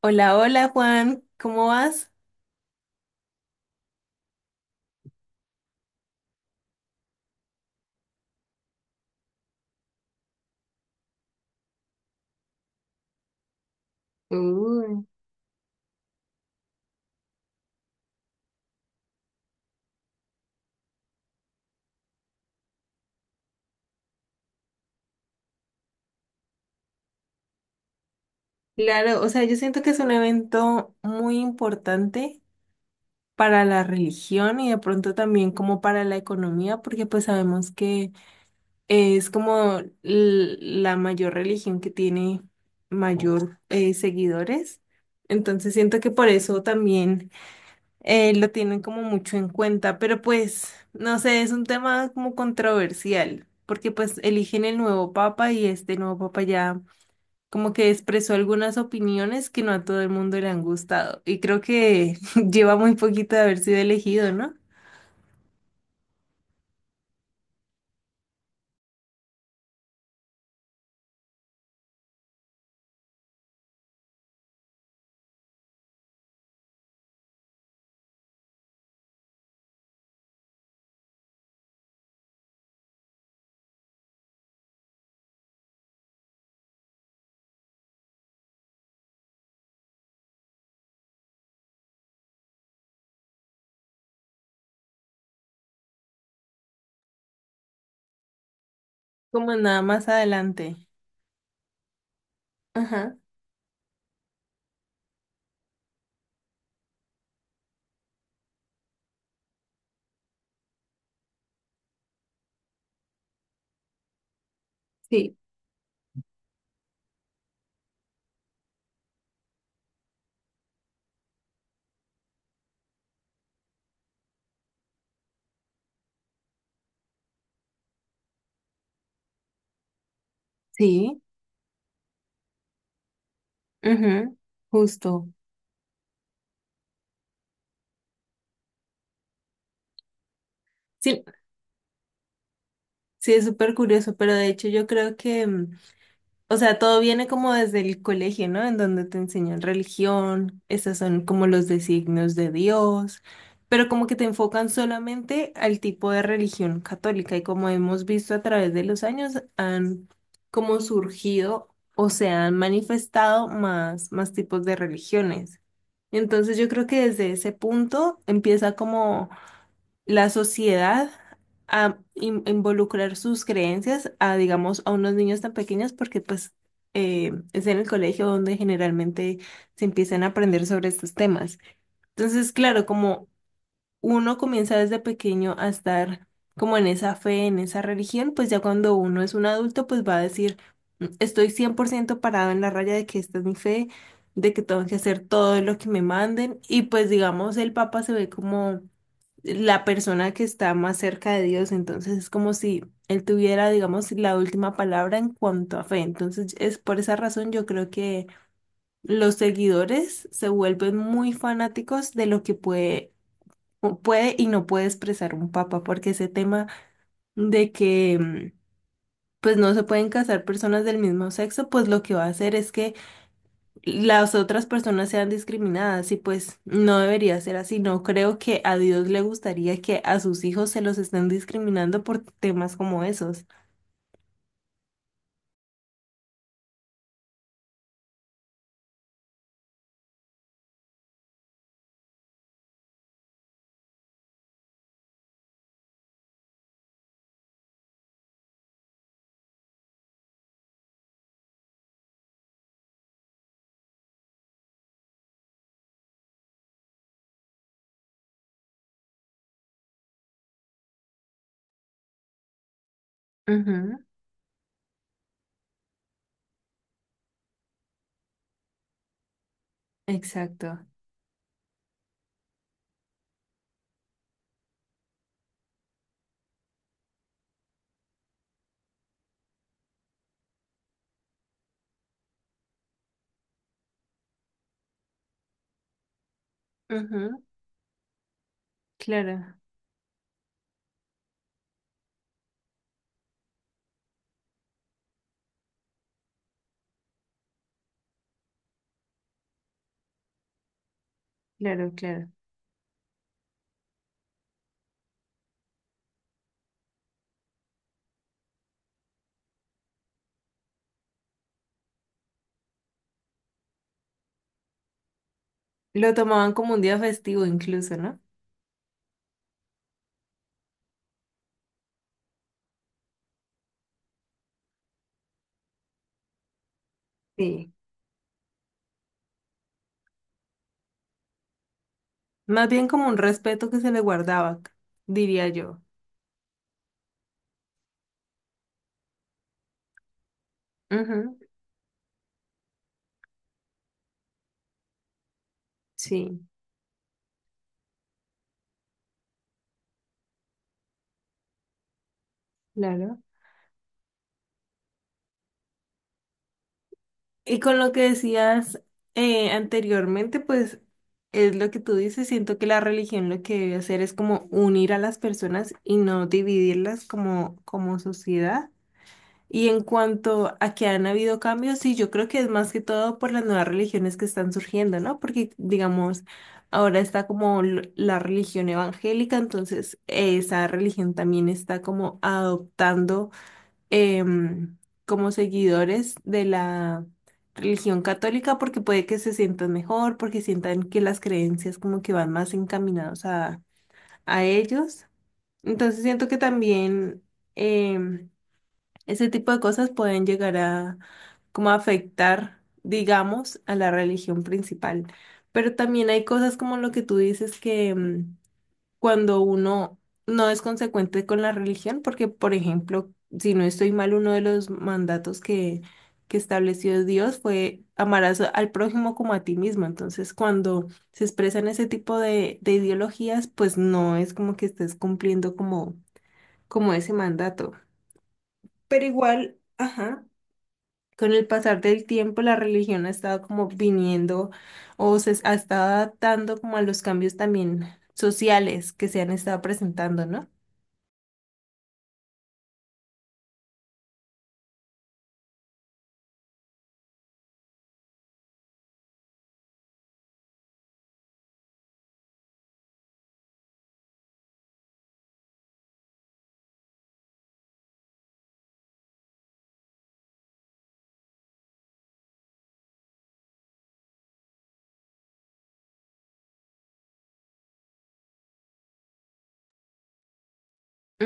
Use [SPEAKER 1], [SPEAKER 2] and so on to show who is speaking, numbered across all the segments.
[SPEAKER 1] Hola, hola Juan, ¿cómo vas? Claro, o sea, yo siento que es un evento muy importante para la religión y de pronto también como para la economía, porque pues sabemos que es como la mayor religión que tiene mayor seguidores. Entonces siento que por eso también lo tienen como mucho en cuenta, pero pues no sé, es un tema como controversial, porque pues eligen el nuevo papa y este nuevo papa ya como que expresó algunas opiniones que no a todo el mundo le han gustado. Y creo que lleva muy poquito de haber sido elegido, ¿no? Como nada más adelante. Ajá, sí, sí, ujú, justo. Sí, sí, es súper curioso, pero de hecho yo creo que o sea, todo viene como desde el colegio, ¿no? En donde te enseñan religión, esos son como los designios de Dios, pero como que te enfocan solamente al tipo de religión católica y como hemos visto a través de los años han como surgido o se han manifestado más, más tipos de religiones. Entonces yo creo que desde ese punto empieza como la sociedad a involucrar sus creencias a, digamos, a unos niños tan pequeños porque pues es en el colegio donde generalmente se empiezan a aprender sobre estos temas. Entonces, claro, como uno comienza desde pequeño a estar como en esa fe, en esa religión, pues ya cuando uno es un adulto, pues va a decir, "Mm, estoy 100% parado en la raya de que esta es mi fe, de que tengo que hacer todo lo que me manden y pues digamos el papa se ve como la persona que está más cerca de Dios, entonces es como si él tuviera, digamos, la última palabra en cuanto a fe. Entonces es por esa razón yo creo que los seguidores se vuelven muy fanáticos de lo que puede, puede y no puede expresar un papa, porque ese tema de que pues no se pueden casar personas del mismo sexo, pues lo que va a hacer es que las otras personas sean discriminadas y pues no debería ser así. No creo que a Dios le gustaría que a sus hijos se los estén discriminando por temas como esos. Ujú, exacto. Ujú, claro, claro, claro. Lo tomaban como un día festivo incluso, ¿no? Sí, más bien como un respeto que se le guardaba, diría yo. Ujú, sí, claro. Y con lo que decías anteriormente, pues es lo que tú dices, siento que la religión lo que debe hacer es como unir a las personas y no dividirlas como, como sociedad. Y en cuanto a que han habido cambios, sí, yo creo que es más que todo por las nuevas religiones que están surgiendo, ¿no? Porque, digamos, ahora está como la religión evangélica, entonces esa religión también está como adoptando em, como seguidores de la religión católica porque puede que se sientan mejor, porque sientan que las creencias como que van más encaminados a, ellos. Entonces siento que también em, ese tipo de cosas pueden llegar a como a afectar, digamos, a la religión principal. Pero también hay cosas como lo que tú dices que cuando uno no es consecuente con la religión, porque, por ejemplo, si no estoy mal, uno de los mandatos que estableció Dios fue amarás al prójimo como a ti mismo. Entonces, cuando se expresan ese tipo de ideologías, pues no es como que estés cumpliendo como, como ese mandato. Pero igual, ajá. Con el pasar del tiempo, la religión ha estado como viniendo o se ha estado adaptando como a los cambios también sociales que se han estado presentando, ¿no?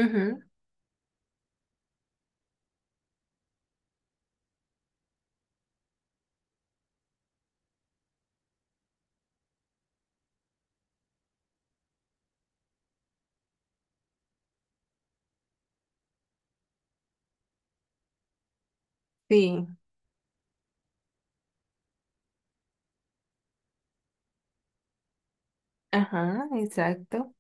[SPEAKER 1] Ujú, sí, ajá, exacto.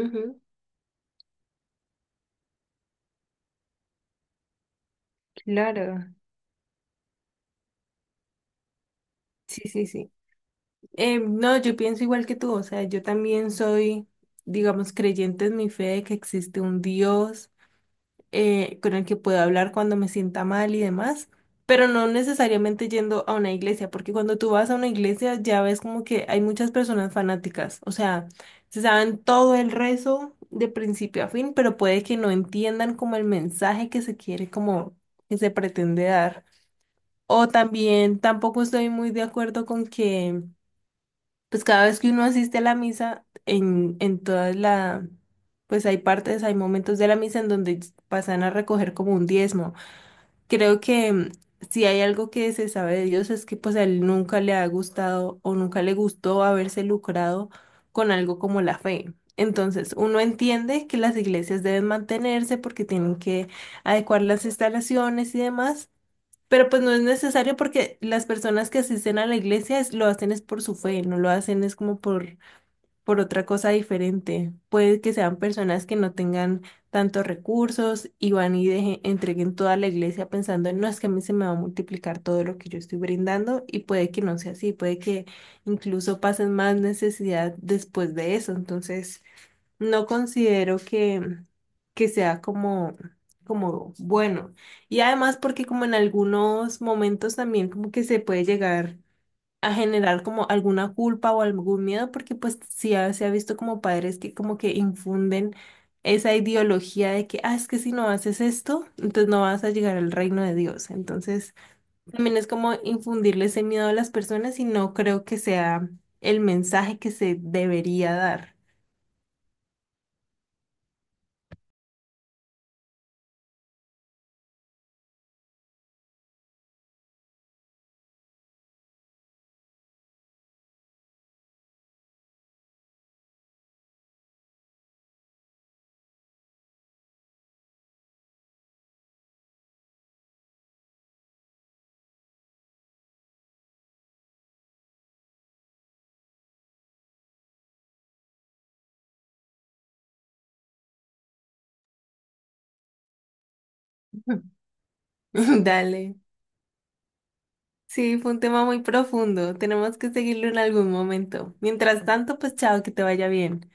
[SPEAKER 1] Ujú, claro, sí, sí, sí. No, yo pienso igual que tú, o sea, yo también soy, digamos, creyente en mi fe de que existe un Dios. Con el que puedo hablar cuando me sienta mal y demás, pero no necesariamente yendo a una iglesia, porque cuando tú vas a una iglesia ya ves como que hay muchas personas fanáticas, o sea, se saben todo el rezo de principio a fin, pero puede que no entiendan como el mensaje que se quiere, como que se pretende dar. O también tampoco estoy muy de acuerdo con que pues cada vez que uno asiste a la misa, en todas la, pues hay partes, hay momentos de la misa en donde pasan a recoger como un diezmo. Creo que si hay algo que se sabe de Dios es que pues a él nunca le ha gustado o nunca le gustó haberse lucrado con algo como la fe. Entonces, uno entiende que las iglesias deben mantenerse porque tienen que adecuar las instalaciones y demás. Pero pues no es necesario porque las personas que asisten a la iglesia lo hacen es por su fe, no lo hacen es como por, otra cosa diferente. Puede que sean personas que no tengan tantos recursos y van y entreguen toda la iglesia pensando, no, es que a mí se me va a multiplicar todo lo que yo estoy brindando y puede que no sea así, puede que incluso pasen más necesidad después de eso. Entonces. No considero que sea como, como bueno. Y además porque como en algunos momentos también como que se puede llegar a generar como alguna culpa o algún miedo, porque pues sí se ha visto como padres que como que infunden esa ideología de que, ah, es que si no haces esto, entonces no vas a llegar al reino de Dios. Entonces también es como infundirle ese miedo a las personas y no creo que sea el mensaje que se debería dar. Dale. Sí, fue un tema muy profundo. Tenemos que seguirlo en algún momento. Mientras tanto, pues chao, que te vaya bien.